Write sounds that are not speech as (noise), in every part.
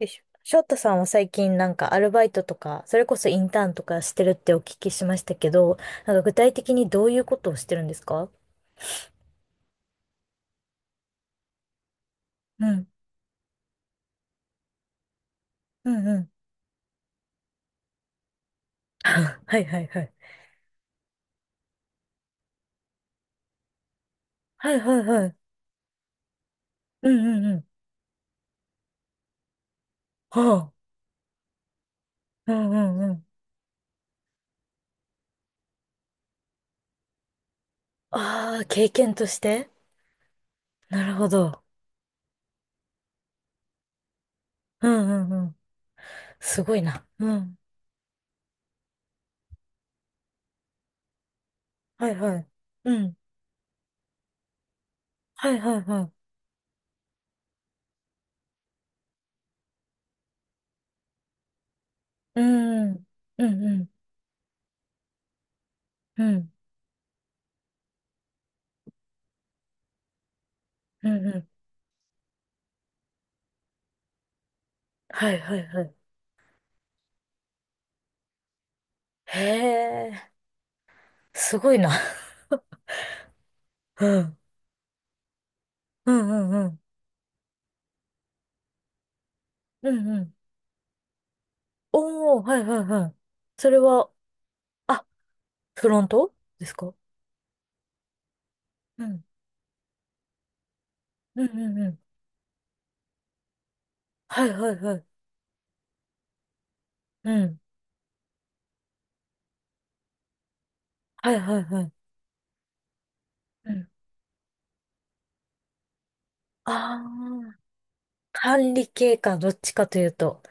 よいしょショットさんは最近アルバイトとか、それこそインターンとかしてるってお聞きしましたけど、具体的にどういうことをしてるんですか？うん。うんうん。(laughs) はいはいはい。はいはいはい。うんうんうん。はあ。うんうんうん。ああ、経験として。なるほど。うんうんうん。すごいな。うん。はいはい。うん。はいはいはい。うん。うんうん。うん。うんうん。はいはいはい。へえ、すごいな。うん。うんうんうん。うんうん。おー、はいはいはい。それは、あ、フロントですか？うん。うんうんうん。はいはいはい。うん。はいはいはい。うん。ああ、管理系か、どっちかというと。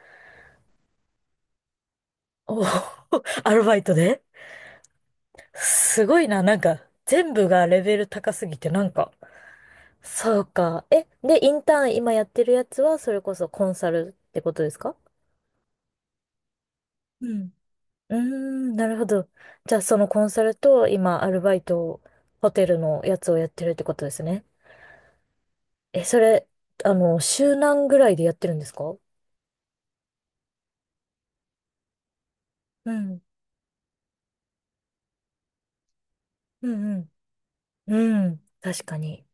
おー、(laughs) アルバイトで。すごいな、全部がレベル高すぎて、そうか。え、で、インターン今やってるやつは、それこそコンサルってことですか？うん。うーん、なるほど。じゃあ、そのコンサルと、今、アルバイト、ホテルのやつをやってるってことですね。え、それ、あの、週何ぐらいでやってるんですか？うん、うん、うん。うん、確かに。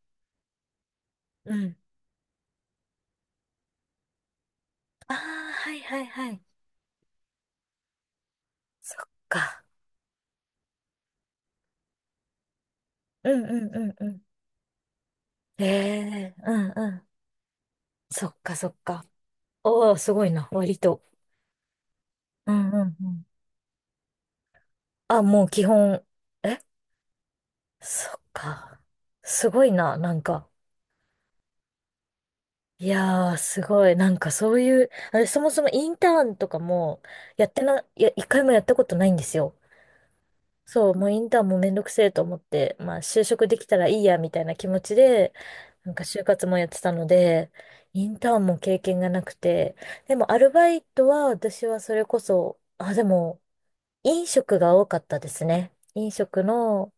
うん。ああ、はいはいはい。そっか。うん、うん、うん、うん。ええ、うん、うん。そっか、そっか。おー、すごいな、割と。うん、うん、うん。あ、もう基本。え、そっか。すごいな、いやー、すごい。そういう、私そもそもインターンとかも、やってな、いや、一回もやったことないんですよ。そう、もうインターンもめんどくせえと思って、まあ就職できたらいいや、みたいな気持ちで、就活もやってたので、インターンも経験がなくて、でもアルバイトは私はそれこそ、あ、でも、飲食が多かったですね。飲食の、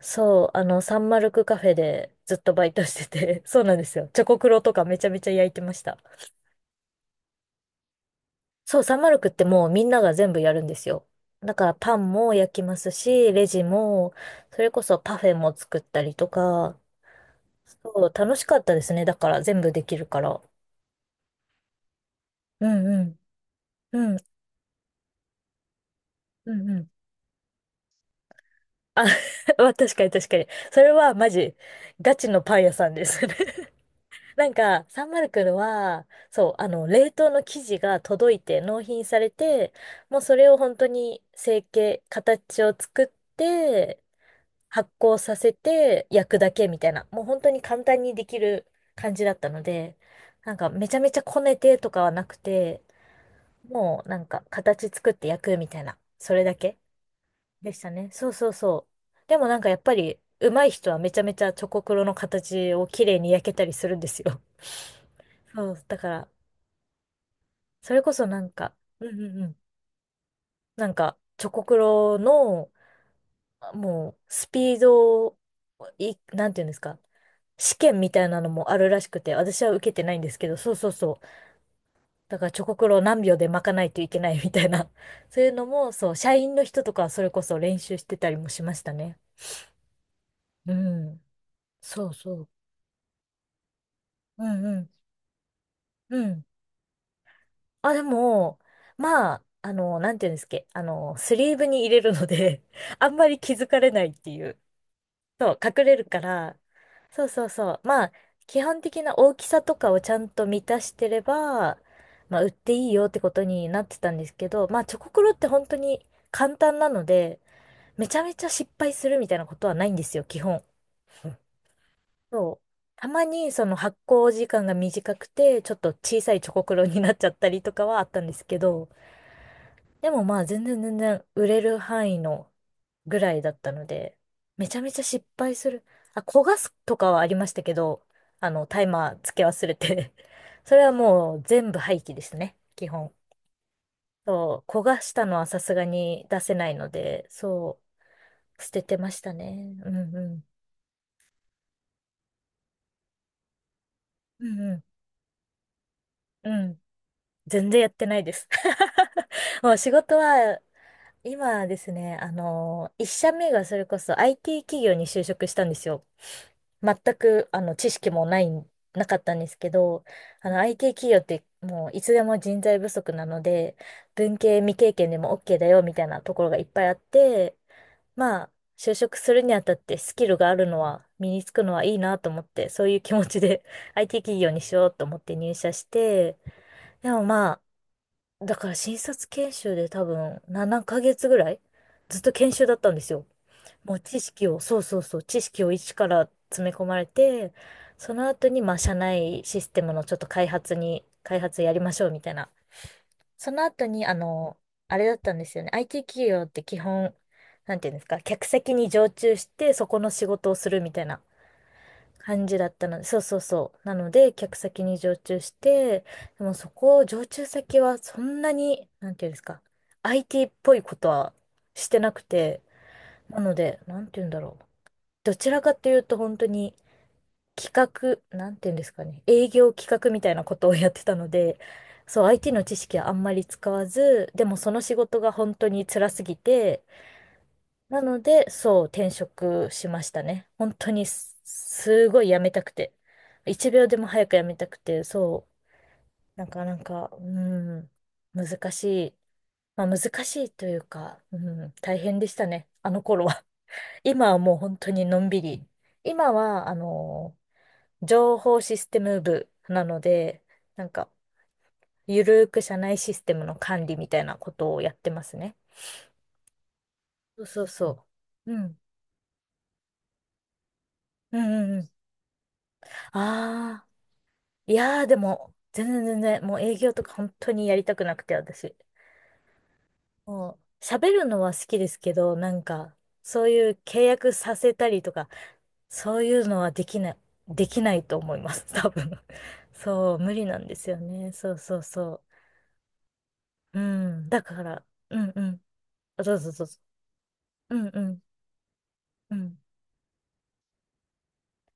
そう、あの、サンマルクカフェでずっとバイトしてて、(laughs) そうなんですよ。チョコクロとかめちゃめちゃ焼いてました。そう、マルクってもうみんなが全部やるんですよ。だからパンも焼きますし、レジも、それこそパフェも作ったりとか、そう、楽しかったですね。だから全部できるから。うんうん。うん、うんうん。あ、(laughs) まあ確かに確かに。それはマジ、ガチのパン屋さんです。 (laughs)、 309は、そう、あの、冷凍の生地が届いて納品されて、もうそれを本当に成形、形を作って、発酵させて焼くだけみたいな、もう本当に簡単にできる感じだったので、めちゃめちゃこねてとかはなくて、もう形作って焼くみたいな、それだけでしたね。そうそうそう。でもやっぱり上手い人はめちゃめちゃチョコクロの形を綺麗に焼けたりするんですよ。(laughs) そう、だから、それこそ、うんうんうん。チョコクロの、もう、スピードを、い、なんていうんですか。試験みたいなのもあるらしくて、私は受けてないんですけど、そうそうそう。だからチョコクロを何秒で巻かないといけないみたいな。(laughs) そういうのも、そう、社員の人とかはそれこそ練習してたりもしましたね。うん。そうそう。うんうん。うん。あ、でも、まあ、あの、なんていうんですっけ、あの、スリーブに入れるので (laughs) あんまり気づかれないっていう。そう、隠れるから、そうそうそう。まあ、基本的な大きさとかをちゃんと満たしてれば、まあ、売っていいよってことになってたんですけど、まあ、チョコクロって本当に簡単なので、めちゃめちゃ失敗するみたいなことはないんですよ、基本。そう。たまにその発酵時間が短くて、ちょっと小さいチョコクロになっちゃったりとかはあったんですけど、でもまあ、全然全然売れる範囲のぐらいだったので、めちゃめちゃ失敗する。あ、焦がすとかはありましたけど、あの、タイマーつけ忘れて。 (laughs) それはもう全部廃棄ですね、基本。そう、焦がしたのはさすがに出せないので、そう、捨ててましたね。うんうん。うんうん。うん。全然やってないです。(laughs) もう仕事は、今ですね、あの、一社目がそれこそ IT 企業に就職したんですよ。全く、あの、知識もない、なかったんですけど、あの、IT 企業ってもういつでも人材不足なので、文系未経験でも OK だよみたいなところがいっぱいあって、まあ、就職するにあたってスキルがあるのは、身につくのはいいなと思って、そういう気持ちで (laughs) IT 企業にしようと思って入社して、でもまあ、だから新卒研修で多分7ヶ月ぐらいずっと研修だったんですよ。もう知識を、そうそうそう、知識を一から詰め込まれて、その後に、まあ、社内システムのちょっと開発に、開発やりましょうみたいな。その後に、あの、あれだったんですよね。IT 企業って基本、なんていうんですか、客席に常駐して、そこの仕事をするみたいな感じだったので、そうそうそう。なので、客先に常駐して、でもそこ、常駐先はそんなに、なんていうんですか、IT っぽいことはしてなくて、なので、なんていうんだろう。どちらかというと本当に企画、なんていうんですかね、営業企画みたいなことをやってたので、そう、IT の知識はあんまり使わず、でもその仕事が本当に辛すぎて、なので、そう、転職しましたね。本当にす、すごい辞めたくて。一秒でも早く辞めたくて、そう、なかなか、うん、難しい。まあ難しいというか、うん、大変でしたね、あの頃は。(laughs) 今はもう本当にのんびり。今は、あの、情報システム部なので、なんか、ゆるーく社内システムの管理みたいなことをやってますね。そうそうそう。うん。うんうんうん。ああ、いやーでも、全然全然、もう営業とか本当にやりたくなくて、私。もう、喋るのは好きですけど、そういう契約させたりとか、そういうのはできない、できないと思います、(laughs) 多分。(laughs) そう、無理なんですよね。そうそうそう。うん、だから、うんうん。あどうぞどうぞ。うんうんうん。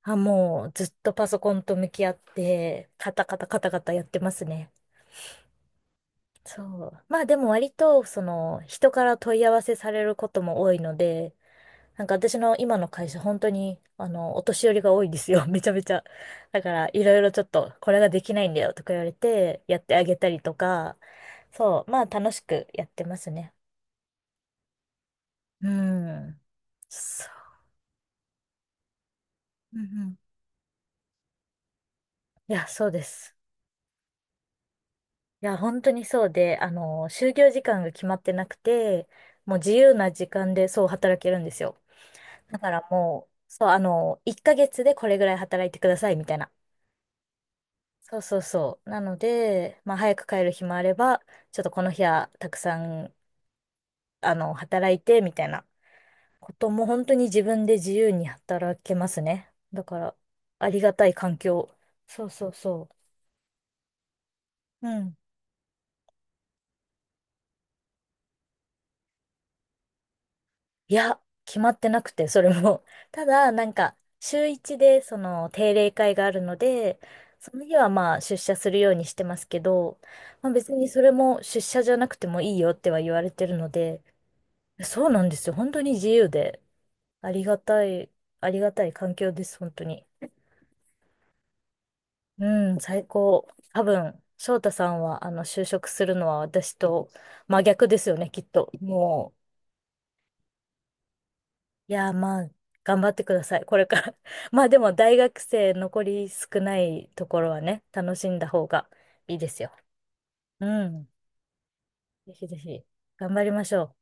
あ、もうずっとパソコンと向き合って、カタカタカタカタやってますね。そう。まあでも割と、その、人から問い合わせされることも多いので、私の今の会社、本当に、あの、お年寄りが多いんですよ。(laughs) めちゃめちゃ。だから、いろいろちょっと、これができないんだよとか言われて、やってあげたりとか、そう。まあ楽しくやってますね。うん。そう。うんうん。いや、そうです。いや、本当にそうで、あの、就業時間が決まってなくて、もう自由な時間でそう働けるんですよ。だからもう、そう、あの、1ヶ月でこれぐらい働いてくださいみたいな。そうそうそう。なので、まあ、早く帰る日もあれば、ちょっとこの日はたくさん、あの、働いてみたいなことも本当に自分で自由に働けますね。だから、ありがたい環境。そうそうそう。うん。いや、決まってなくて、それも。(laughs) ただ、週一で、その、定例会があるので、その日はまあ、出社するようにしてますけど、まあ別にそれも出社じゃなくてもいいよっては言われてるので、そうなんですよ。本当に自由で、ありがたい、ありがたい環境です、本当に。うん、最高。多分、翔太さんは、あの、就職するのは私と真逆ですよね、きっと。もう、いやー、まあ、頑張ってください、これから。(laughs) まあでも、大学生残り少ないところはね、楽しんだ方がいいですよ。うん。ぜひぜひ、頑張りましょう。